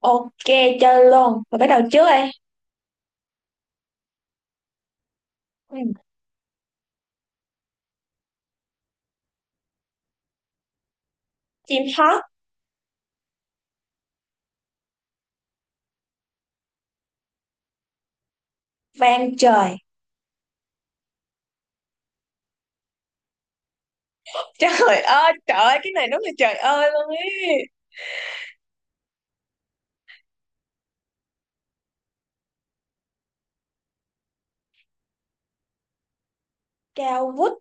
Ok, chơi luôn. Mình bắt đầu trước đây. Ừ. Chim hót vang trời. Trời trời ơi, cái này đúng là trời ơi luôn ý. Cao vút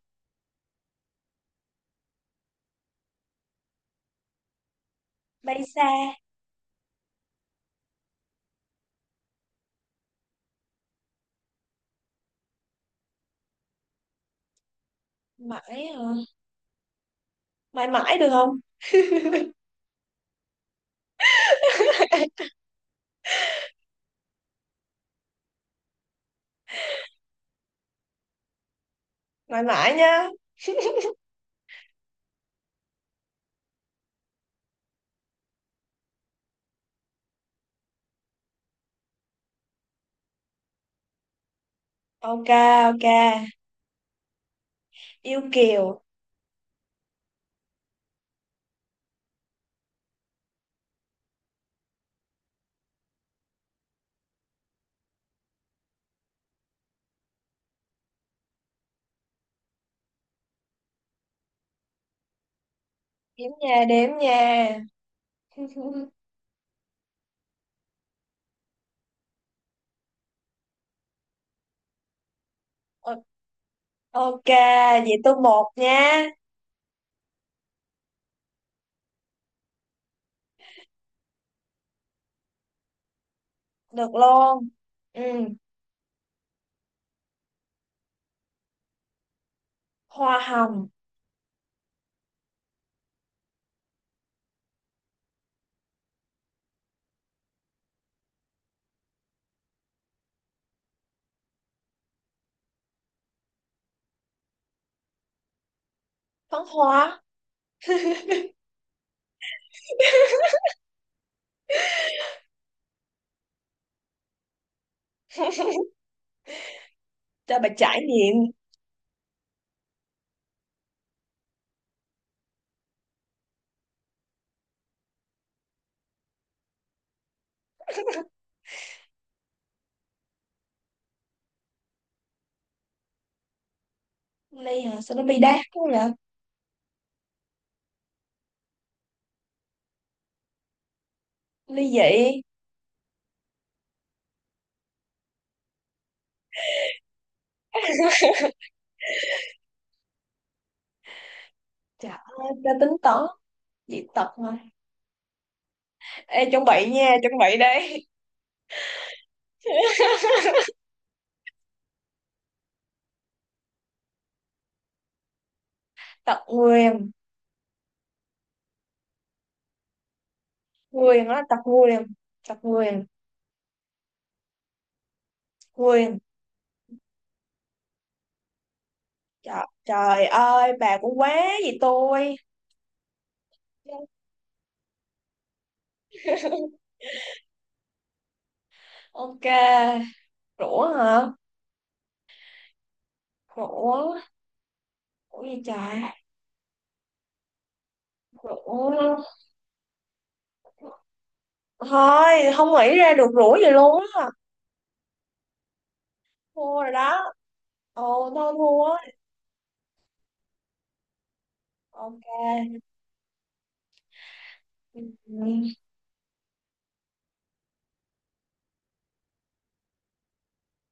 bay xa. Mãi hả? Mãi mãi được không? Mãi mãi nha. Ok, ok. Yêu kiều. Đếm nha đếm nha. O- Ok. Vậy tôi một nha. Được luôn. Ừ. Hoa hồng. Phấn hoa. Cho bà trải nghiệm. Ly hả, sao nó bi đát quá vậy? Ly dị. Trời ơi ta tính toán. Dị tật mà. Ê, chuẩn bị nha, chuẩn bị đây. Tật nguyền. Nguyền đó, tật nguyền. Tật nguyền. Nguyền. Trời, trời ơi bà cũng quá. Gì tôi? Ok. Rủa hả? Rủa. Rủa gì trời? Rủa. Thôi không nghĩ ra được rủa gì luôn á. Thua rồi đó. Ồ thôi, thua á. Ok. Ừ,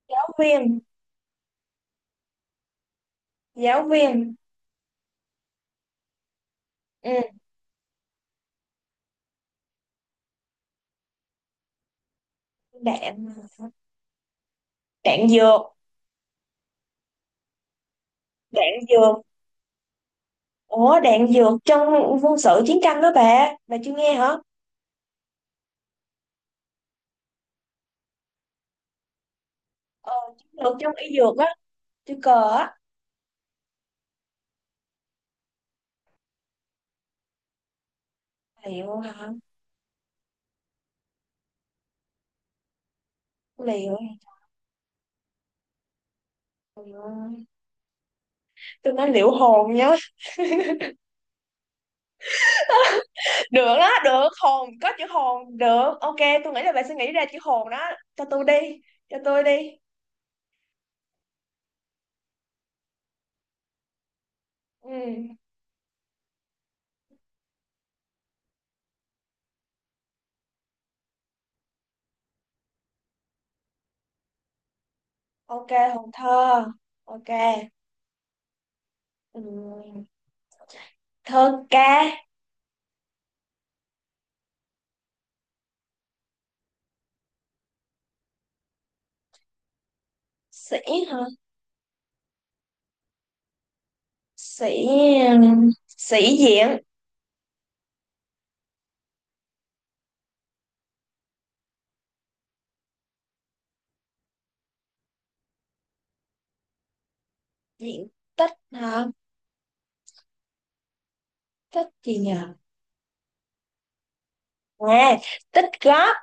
giáo viên. Giáo viên. Ừ. Đạn. Đạn dược. Đạn dược. Ủa, đạn dược trong quân sự chiến tranh đó bà chưa nghe hả? Ờ, chiến lược trong y dược á. Chưa, cờ á. Liệu hả? Liệu. Trời ơi, tôi nói liệu hồn nhá. Được đó, được hồn, có chữ hồn, được, ok. Tôi nghĩ là bà sẽ nghĩ ra chữ hồn đó. Cho tôi đi, cho tôi đi. Ừ, ok. Hồn thơ. Ok. Ừ. Thơ ca. Sĩ hả? Sĩ. Sĩ diện. Diện tích hả? Tích gì nhỉ? À, tích góp.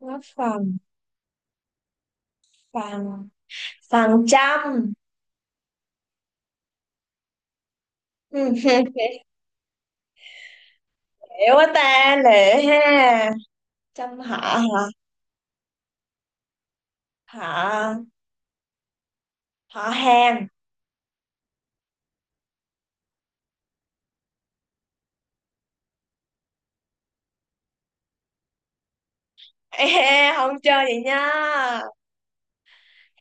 Góp Phần. Phần phần trăm. Hiểu quá ta, lệ ha. Trăm họ hả? Họ. Họ hàng. Ê, không chơi vậy nha.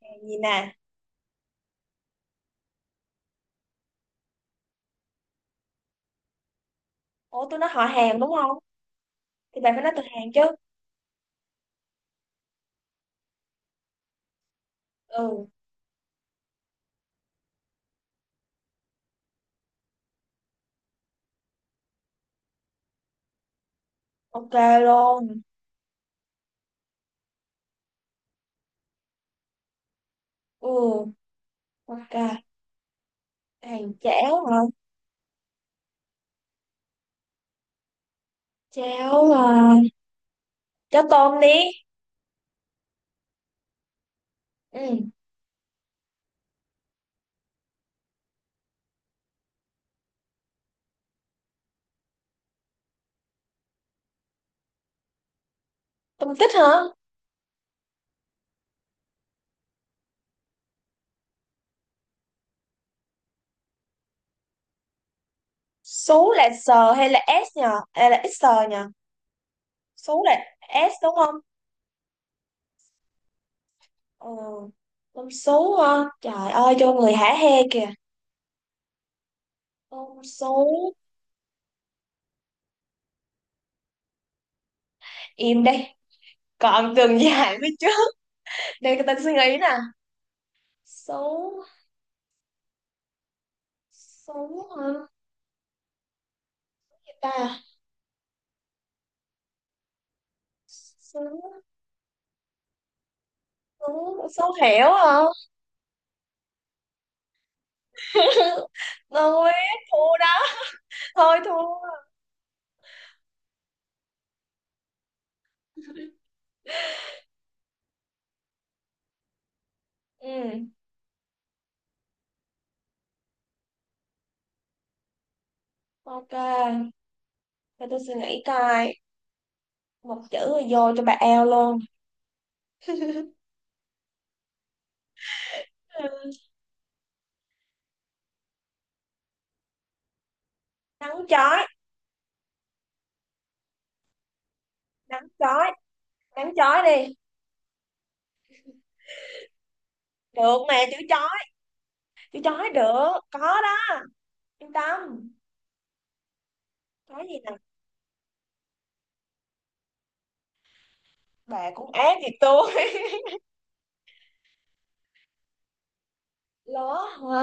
Hàng gì nè? Ủa, tôi nói họ hàng đúng không thì bạn phải nói từ hàng chứ. Ừ, ok luôn. Ừ, ok. Hàng chéo hả? Chéo à. Chéo tôm đi. Ừ. Tôm tích hả? Số là S hay là S nhờ? Hay là S nhờ? Số là S đúng không? Ừ. Tôm sú ha. Trời ơi, cho người hả hê kìa. Tôm số. Im đây. Còn từng dài phía trước. Để người ta suy nghĩ nè. Số. Số hả? Người ta. Số. Số Sú hiểu hả? Tôi thua đó. Thôi thua. Ừ. Ok. Để tôi suy nghĩ coi. Một chữ rồi vô cho bà eo luôn. Ừ, nắng chói. Nắng chói. Nắng chói đi. Được mà, chữ chói. Chữ chói được có đó, yên tâm. Chói gì nè? Bà cũng ác gì tôi. Ló hả?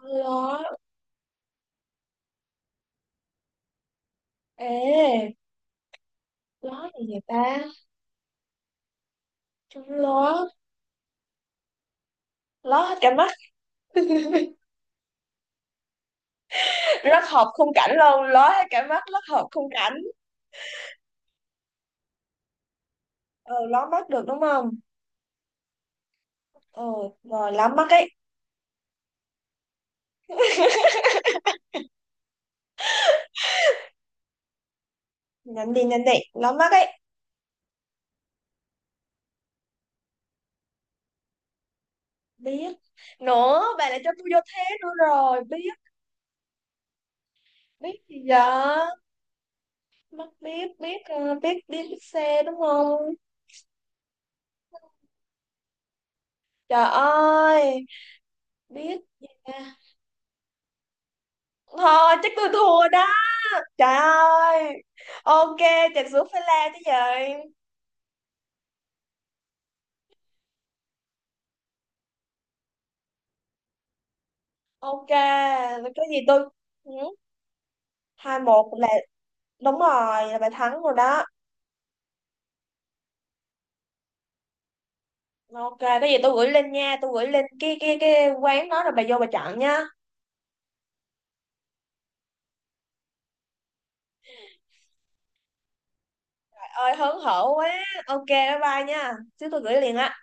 Ló. Ê, ló gì vậy ta? Chú ló. Ló hết cả mắt. Rất hợp khung cảnh luôn, ló hết cả mắt, rất hợp khung cảnh. Ờ, ló mắt được đúng không? Ờ, rồi ló mắt ấy. Nhanh đi, nhanh đi, ló mắt ấy. Biết. Nữa bà lại cho tôi vô thế nữa rồi, biết. Biết gì giờ? Mắt biết. Biết biết biết xe đúng không? Trời ơi, biết gì nha. Thôi chắc tôi thua đó. Trời ơi. Ok, trà sữa phải la chứ gì. Ok, cái gì tôi. Ừ, 2-1, là đúng rồi, là bà thắng rồi đó. Ok, cái gì tôi gửi lên nha, tôi gửi lên cái quán đó rồi bà vô bà chọn nha. Trời ơi, hớn hở quá. Ok, bye bye nha. Chứ tôi gửi liền á.